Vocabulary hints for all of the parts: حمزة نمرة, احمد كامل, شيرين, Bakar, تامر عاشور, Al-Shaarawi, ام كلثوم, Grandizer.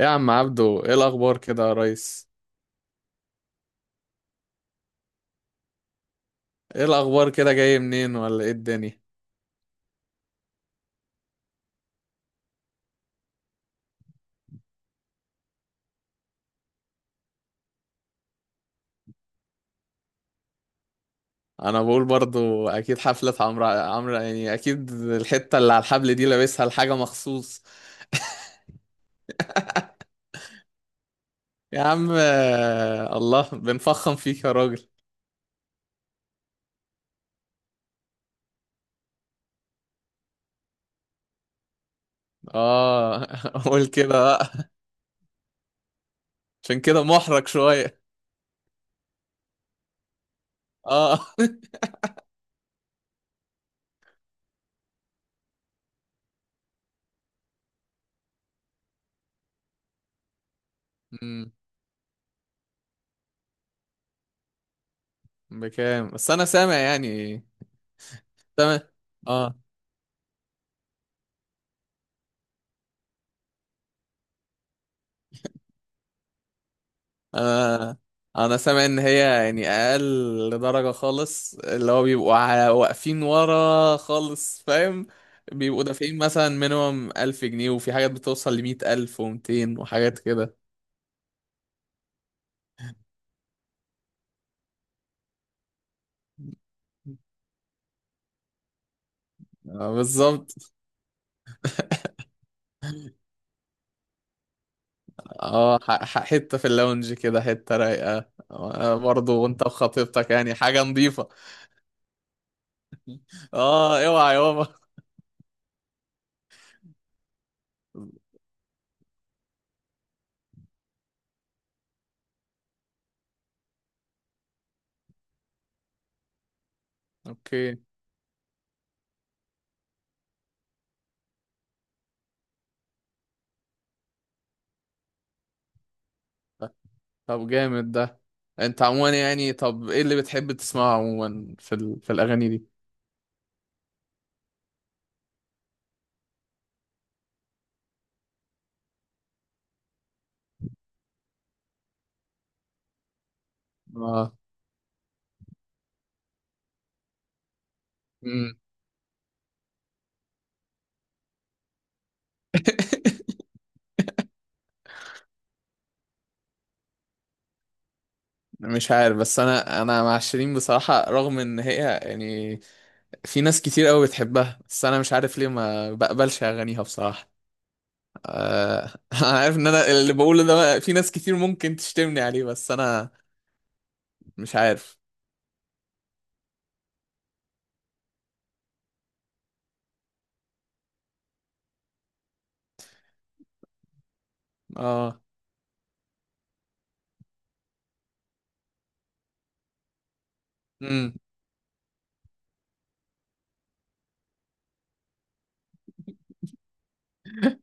إيه يا عم عبدو، ايه الاخبار كده يا ريس؟ ايه الاخبار كده، جاي منين ولا ايه الدنيا؟ انا بقول برضو اكيد حفلة عمرو يعني اكيد الحتة اللي على الحبل دي لابسها لحاجة مخصوص. يا عم الله بنفخم فيك يا راجل. اه، قول كده بقى. عشان كده محرج شوية. اه. أمم، بكام بس انا سامع يعني. سامع. آه. انا انا سامع ان هي، يعني اقل درجة خالص، اللي هو بيبقوا واقفين ورا خالص، فاهم؟ بيبقوا دافعين مثلا مينيمم 1000 جنيه، وفي حاجات بتوصل لـ100 ألف ومتين وحاجات كده. آه، بالظبط. اه، حتة في اللونج كده، حتة رايقة، برضه، وانت وخطيبتك يعني حاجة نظيفة. اه اوعى يابا. اوكي. طب جامد ده. انت عموما يعني، طب ايه اللي بتحب تسمعه عموما في في الاغاني دي؟ آه. مم. مش عارف، بس انا مع شيرين بصراحة، رغم ان هي يعني في ناس كتير قوي بتحبها، بس انا مش عارف ليه ما بقبلش اغانيها بصراحة. أه. انا عارف ان انا اللي بقوله ده في ناس كتير ممكن تشتمني عليه، بس انا مش عارف. اه. امم.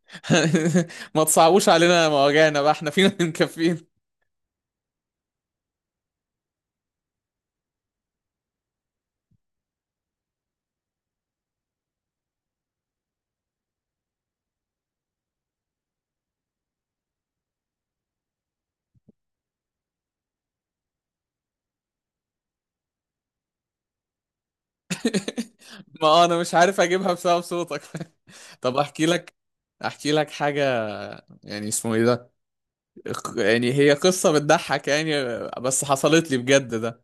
ما تصعبوش علينا مواجعنا بقى، احنا فينا مكفين. ما انا مش عارف اجيبها بسبب صوتك. طب احكي لك، احكي لك حاجة، يعني اسمه ايه ده، يعني هي قصة بتضحك يعني. بس حصلت لي بجد ده.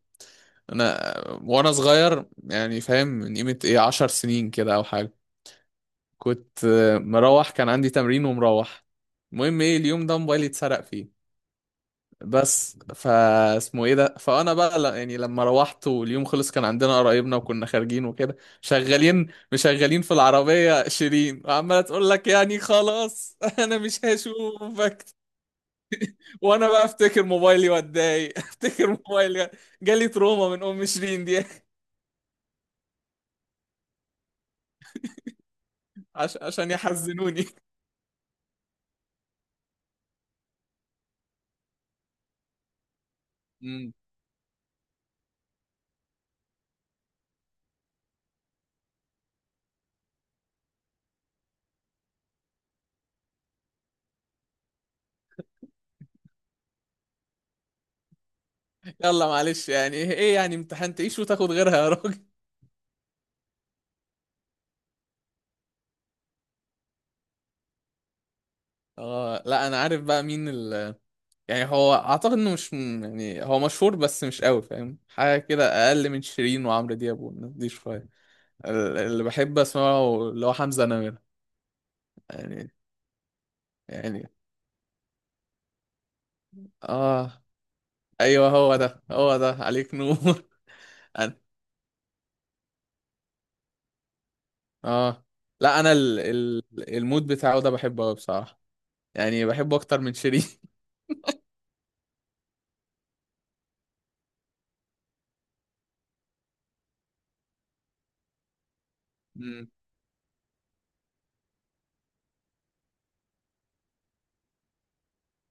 انا وانا صغير، يعني فاهم، من قيمة ايه 10 سنين كده او حاجة. كنت مروح، كان عندي تمرين ومروح. المهم ايه، اليوم ده موبايلي اتسرق فيه. بس فاسمه ايه ده، فانا بقى يعني لما روحت واليوم خلص، كان عندنا قرايبنا وكنا خارجين وكده، شغالين مشغلين في العربية شيرين، وعمالة تقول لك يعني خلاص، انا مش هشوفك. وانا بقى افتكر موبايلي واتضايق. افتكر موبايلي جالي تروما من ام شيرين دي. عشان يحزنوني. مم. يلا معلش، يعني ايه يعني؟ امتحان، تعيش وتاخد غيرها يا راجل. اه، لا انا عارف بقى مين يعني هو اعتقد انه مش يعني هو مشهور بس مش قوي، فاهم؟ حاجه كده اقل من شيرين وعمرو دياب والناس دي شويه. اللي بحب اسمعه اللي هو حمزة نمرة، يعني يعني اه. ايوه هو ده هو ده، عليك نور. انا. اه، لا انا المود بتاعه ده بحبه قوي بصراحه، يعني بحبه اكتر من شيرين. مم.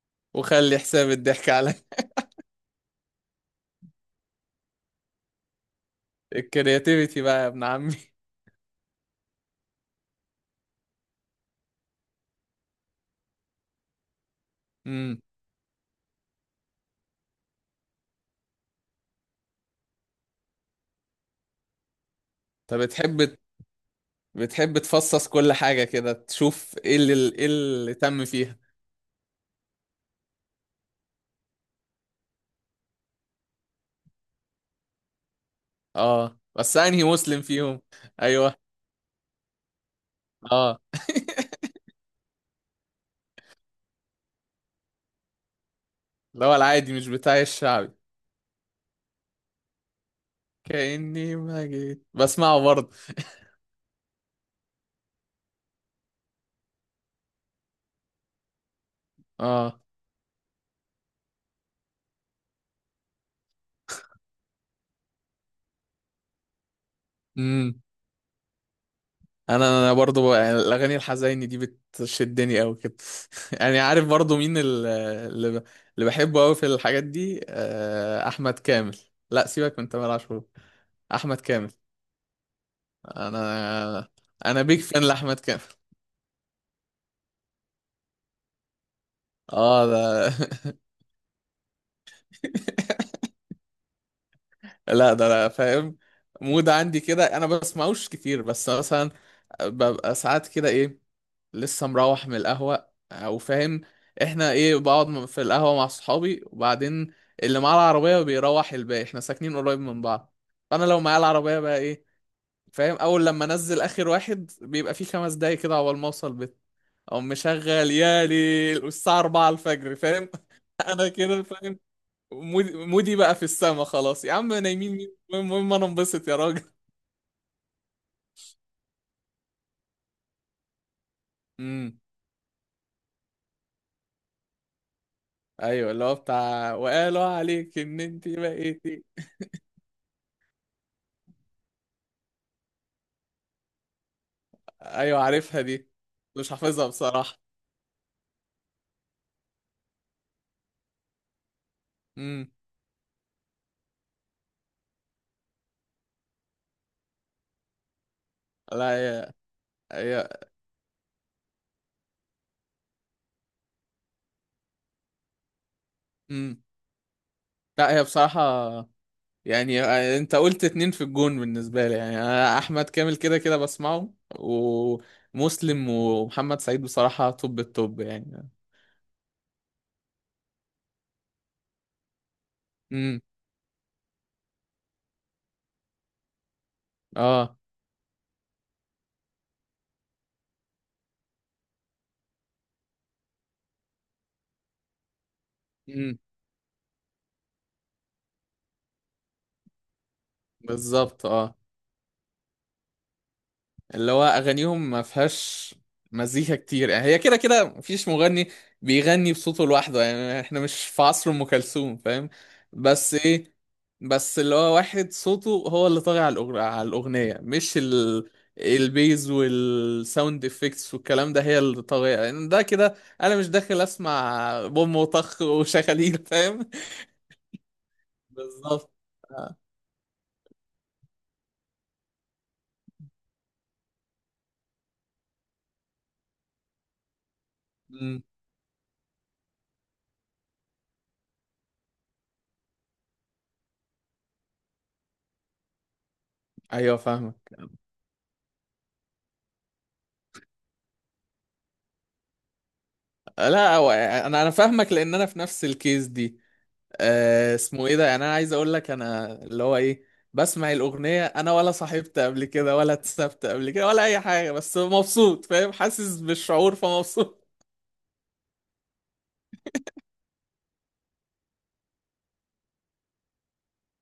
وخلي حساب الضحك عليا. الكرياتيفيتي بقى يا ابن عمي. امم طب بتحب تفصص كل حاجه كده، تشوف ايه اللي ايه اللي تم فيها. اه. بس انهي مسلم فيهم؟ ايوه. اه. اللي هو العادي، مش بتاع الشعبي. كأني ما جيت، بسمعه برضه. اه. انا برضو يعني الاغاني الحزيني دي بتشدني قوي كده، يعني عارف برضو مين اللي اللي بحبه قوي في الحاجات دي: احمد كامل. لا سيبك من تامر عاشور. احمد كامل. انا انا بيك فان لاحمد كامل. اه ده. لا ده لا فاهم. مود عندي كده، انا بسمعوش كتير بس مثلا ببقى ساعات كده ايه، لسه مروح من القهوة او فاهم. احنا ايه، بقعد في القهوة مع صحابي، وبعدين اللي معاه العربية بيروح، الباقي احنا ساكنين قريب من بعض، فانا لو معايا العربية بقى ايه، فاهم؟ اول لما انزل اخر واحد بيبقى فيه 5 دقايق كده عقبال ما اوصل بيت، او مشغل يالي الساعة 4 الفجر، فاهم. انا كده فاهم. مودي مودي بقى في السما، خلاص يا عم، نايمين مين؟ المهم، المهم انا انبسط يا راجل. امم. ايوه، اللي هو بتاع وقالوا عليك ان انت بقيتي. ايوه عارفها دي، مش حافظها بصراحة. امم لا هي. هي امم لا هي بصراحة يعني، انت قلت اتنين في الجون بالنسبة لي، يعني انا احمد كامل كده كده بسمعه، ومسلم ومحمد سعيد بصراحة توب التوب يعني. امم. اه. امم. بالظبط. اه. اللي هو اغانيهم ما فيهاش مزيكا كتير، يعني هي كده كده مفيش مغني بيغني بصوته لوحده، يعني احنا مش في عصر ام كلثوم، فاهم؟ بس ايه، بس اللي هو واحد صوته هو اللي طاغي على على الاغنيه، مش البيز والساوند افكتس والكلام ده هي اللي طاغيه، يعني ده كده، انا مش داخل اسمع بوم وطخ وشغاليل، فاهم. بالظبط. آه. مم. ايوه فاهمك. لا انا فاهمك، لان انا في نفس الكيس دي. آه، اسمه ايه ده، يعني انا عايز اقول لك انا اللي هو ايه، بسمع الاغنيه انا ولا صاحبت قبل كده ولا اتسبت قبل كده ولا اي حاجه، بس مبسوط، فاهم، حاسس بالشعور، فمبسوط.